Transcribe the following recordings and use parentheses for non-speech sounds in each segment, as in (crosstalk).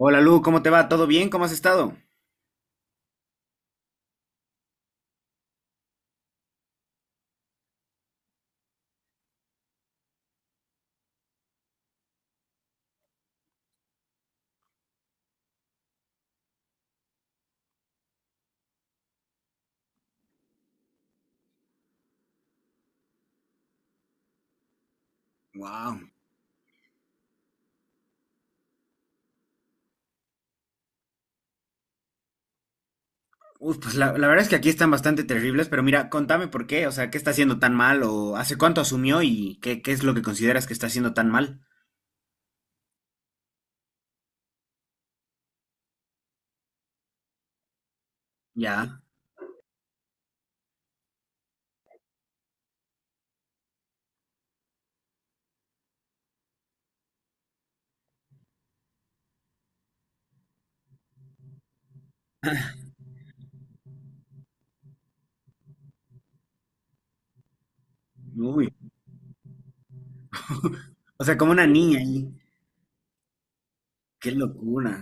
Hola Lu, ¿cómo te va? ¿Todo bien? ¿Cómo has estado? Wow. Uf, pues la verdad es que aquí están bastante terribles, pero mira, contame por qué, o sea, ¿qué está haciendo tan mal o hace cuánto asumió y qué es lo que consideras que está haciendo tan mal? Ya. Uy. (laughs) O sea, como una niña ahí. Qué locura.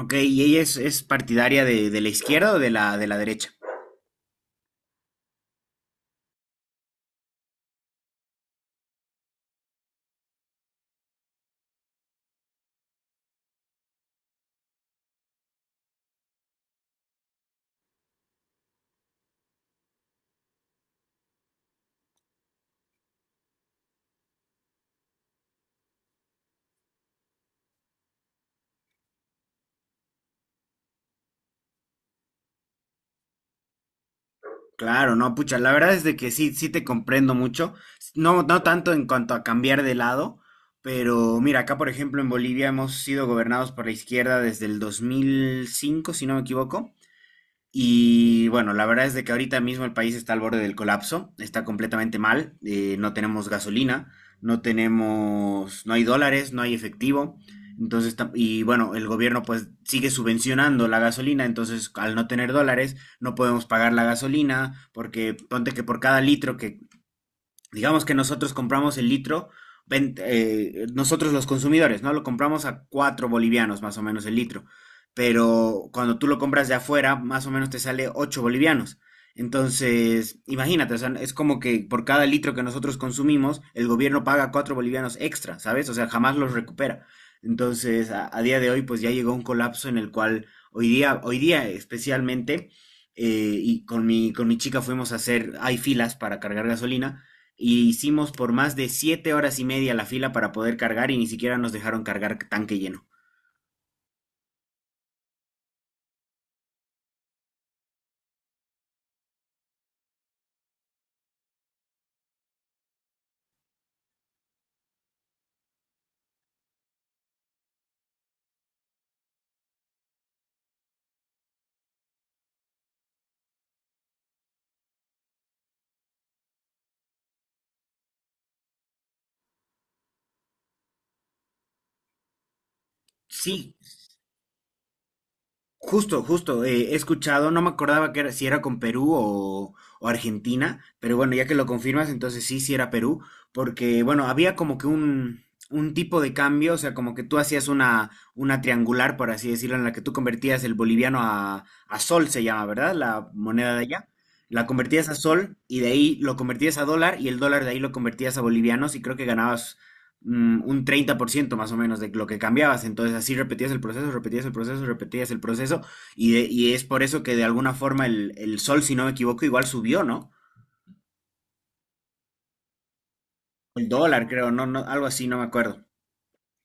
Ok, ¿y ella es partidaria de la izquierda o de la derecha? Claro, no, pucha, la verdad es de que sí, sí te comprendo mucho. No, no tanto en cuanto a cambiar de lado, pero mira, acá por ejemplo en Bolivia hemos sido gobernados por la izquierda desde el 2005, si no me equivoco. Y bueno, la verdad es de que ahorita mismo el país está al borde del colapso, está completamente mal, no tenemos gasolina, no tenemos, no hay dólares, no hay efectivo. Entonces, y bueno, el gobierno pues sigue subvencionando la gasolina, entonces al no tener dólares no podemos pagar la gasolina, porque ponte que por cada litro que digamos que nosotros compramos el litro, nosotros los consumidores, ¿no? Lo compramos a 4 bolivianos más o menos el litro, pero cuando tú lo compras de afuera, más o menos te sale 8 bolivianos. Entonces, imagínate, o sea, es como que por cada litro que nosotros consumimos, el gobierno paga 4 bolivianos extra, ¿sabes? O sea, jamás los recupera. Entonces, a día de hoy, pues ya llegó un colapso en el cual hoy día especialmente, y con mi chica fuimos a hacer, hay filas para cargar gasolina, y hicimos por más de 7 horas y media la fila para poder cargar y ni siquiera nos dejaron cargar tanque lleno. Sí, justo, he escuchado, no me acordaba que era, si era con Perú o Argentina, pero bueno, ya que lo confirmas, entonces sí, sí era Perú, porque bueno, había como que un tipo de cambio, o sea, como que tú hacías una triangular, por así decirlo, en la que tú convertías el boliviano a sol, se llama, ¿verdad? La moneda de allá. La convertías a sol y de ahí lo convertías a dólar y el dólar de ahí lo convertías a bolivianos y creo que ganabas un 30% más o menos de lo que cambiabas. Entonces así repetías el proceso, repetías el proceso, repetías el proceso. Y es por eso que de alguna forma el sol, si no me equivoco, igual subió, ¿no? El dólar, creo, no, no, algo así, no me acuerdo.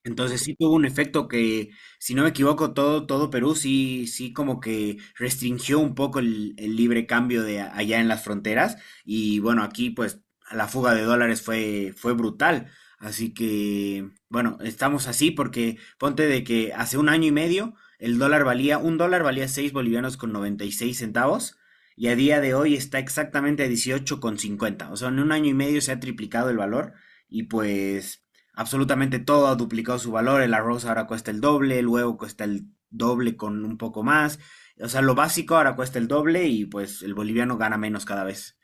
Entonces sí tuvo un efecto que, si no me equivoco, todo Perú sí, sí como que restringió un poco el libre cambio allá en las fronteras. Y bueno, aquí pues la fuga de dólares fue, fue brutal. Así que, bueno, estamos así porque ponte de que hace un año y medio el dólar valía, un dólar valía 6 bolivianos con 96 centavos y a día de hoy está exactamente a 18 con 50. O sea, en un año y medio se ha triplicado el valor. Y pues absolutamente todo ha duplicado su valor, el arroz ahora cuesta el doble, el huevo cuesta el doble con un poco más, o sea, lo básico ahora cuesta el doble y pues el boliviano gana menos cada vez.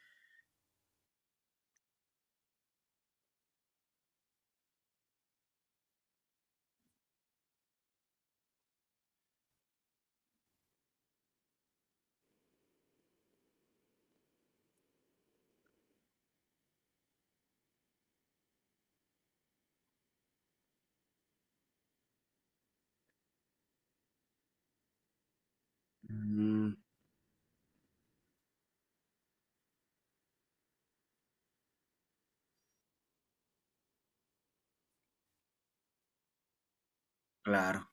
Mm, claro.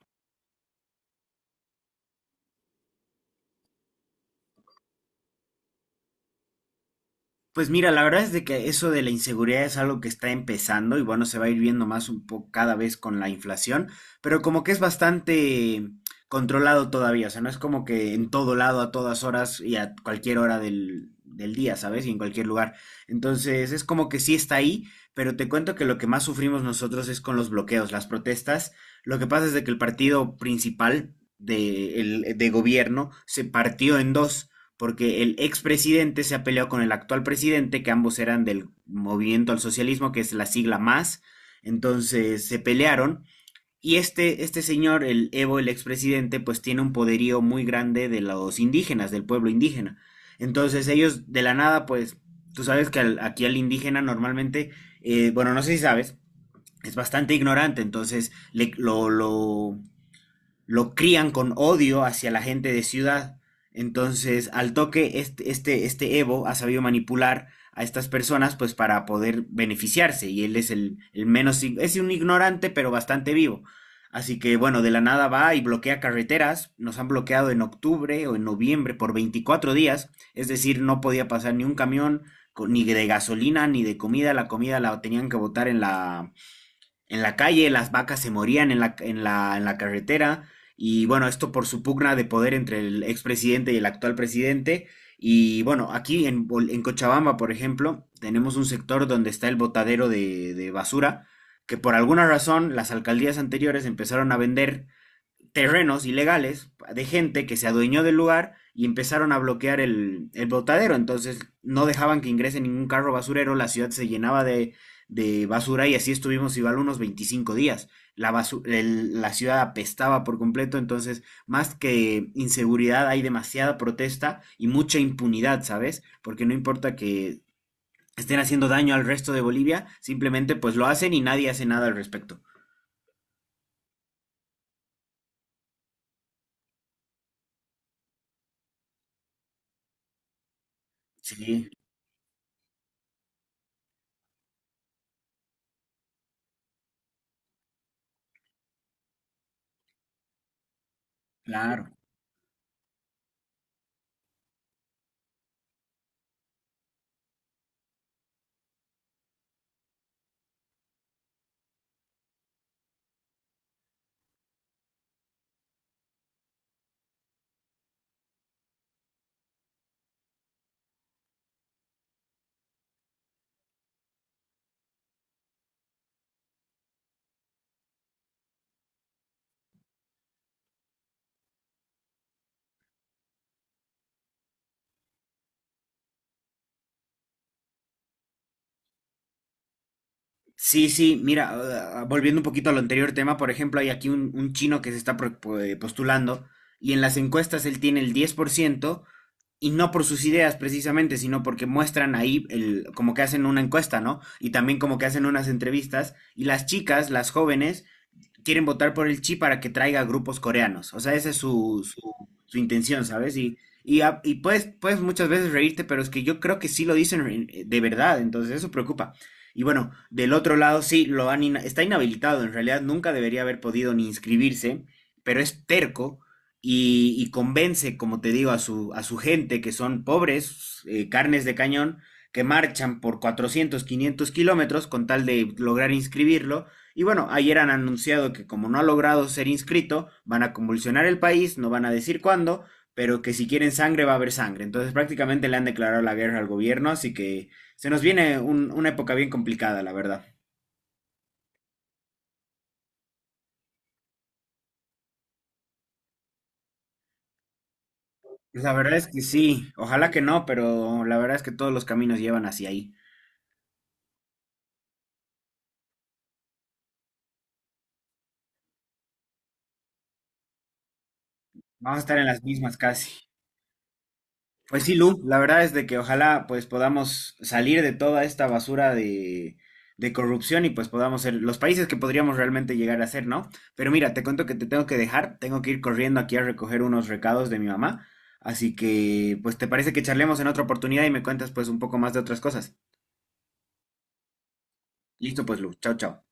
Pues mira, la verdad es de que eso de la inseguridad es algo que está empezando y bueno, se va a ir viendo más un poco cada vez con la inflación, pero como que es bastante controlado todavía, o sea, no es como que en todo lado, a todas horas y a cualquier hora del día, ¿sabes? Y en cualquier lugar. Entonces, es como que sí está ahí, pero te cuento que lo que más sufrimos nosotros es con los bloqueos, las protestas. Lo que pasa es de que el partido principal de gobierno se partió en dos porque el expresidente se ha peleado con el actual presidente, que ambos eran del Movimiento al Socialismo, que es la sigla más. Entonces se pelearon. Y este señor, el Evo, el expresidente, pues tiene un poderío muy grande de los indígenas, del pueblo indígena. Entonces ellos de la nada, pues tú sabes que aquí al indígena normalmente, bueno, no sé si sabes, es bastante ignorante, entonces lo crían con odio hacia la gente de ciudad. Entonces, al toque, este Evo ha sabido manipular a estas personas pues para poder beneficiarse. Y él es el menos, es un ignorante, pero bastante vivo. Así que bueno, de la nada va y bloquea carreteras. Nos han bloqueado en octubre o en noviembre por 24 días. Es decir, no podía pasar ni un camión, ni de gasolina, ni de comida. La comida la tenían que botar en la calle, las vacas se morían en la carretera, y bueno, esto por su pugna de poder entre el expresidente y el actual presidente. Y bueno, en Cochabamba, por ejemplo, tenemos un sector donde está el botadero de basura, que por alguna razón las alcaldías anteriores empezaron a vender terrenos ilegales de gente que se adueñó del lugar y empezaron a bloquear el botadero. Entonces no dejaban que ingrese ningún carro basurero, la ciudad se llenaba de basura y así estuvimos igual unos 25 días. La ciudad apestaba por completo, entonces más que inseguridad hay demasiada protesta y mucha impunidad, ¿sabes? Porque no importa que estén haciendo daño al resto de Bolivia, simplemente pues lo hacen y nadie hace nada al respecto. Sí, claro. Sí, sí, mira, volviendo un poquito al anterior tema, por ejemplo, hay aquí un chino que se está postulando y en las encuestas él tiene el 10% y no por sus ideas precisamente, sino porque muestran ahí el, como que hacen una encuesta, ¿no? Y también como que hacen unas entrevistas y las jóvenes, quieren votar por el Chi para que traiga grupos coreanos. O sea, esa es su intención, ¿sabes? Y puedes, puedes muchas veces reírte, pero es que yo creo que sí lo dicen de verdad, entonces eso preocupa. Y bueno, del otro lado sí, está inhabilitado, en realidad nunca debería haber podido ni inscribirse, pero es terco y convence, como te digo, a su gente, que son pobres, carnes de cañón, que marchan por 400, 500 kilómetros con tal de lograr inscribirlo y bueno, ayer han anunciado que como no ha logrado ser inscrito, van a convulsionar el país, no van a decir cuándo, pero que si quieren sangre va a haber sangre. Entonces prácticamente le han declarado la guerra al gobierno, así que se nos viene un- una época bien complicada, la verdad. La verdad es que sí, ojalá que no, pero la verdad es que todos los caminos llevan hacia ahí. Vamos a estar en las mismas casi. Pues sí, Lu, la verdad es de que ojalá pues podamos salir de toda esta basura de corrupción y pues podamos ser los países que podríamos realmente llegar a ser, ¿no? Pero mira, te cuento que te tengo que dejar, tengo que ir corriendo aquí a recoger unos recados de mi mamá, así que pues te parece que charlemos en otra oportunidad y me cuentas pues un poco más de otras cosas. Listo pues, Lu, chao, chao.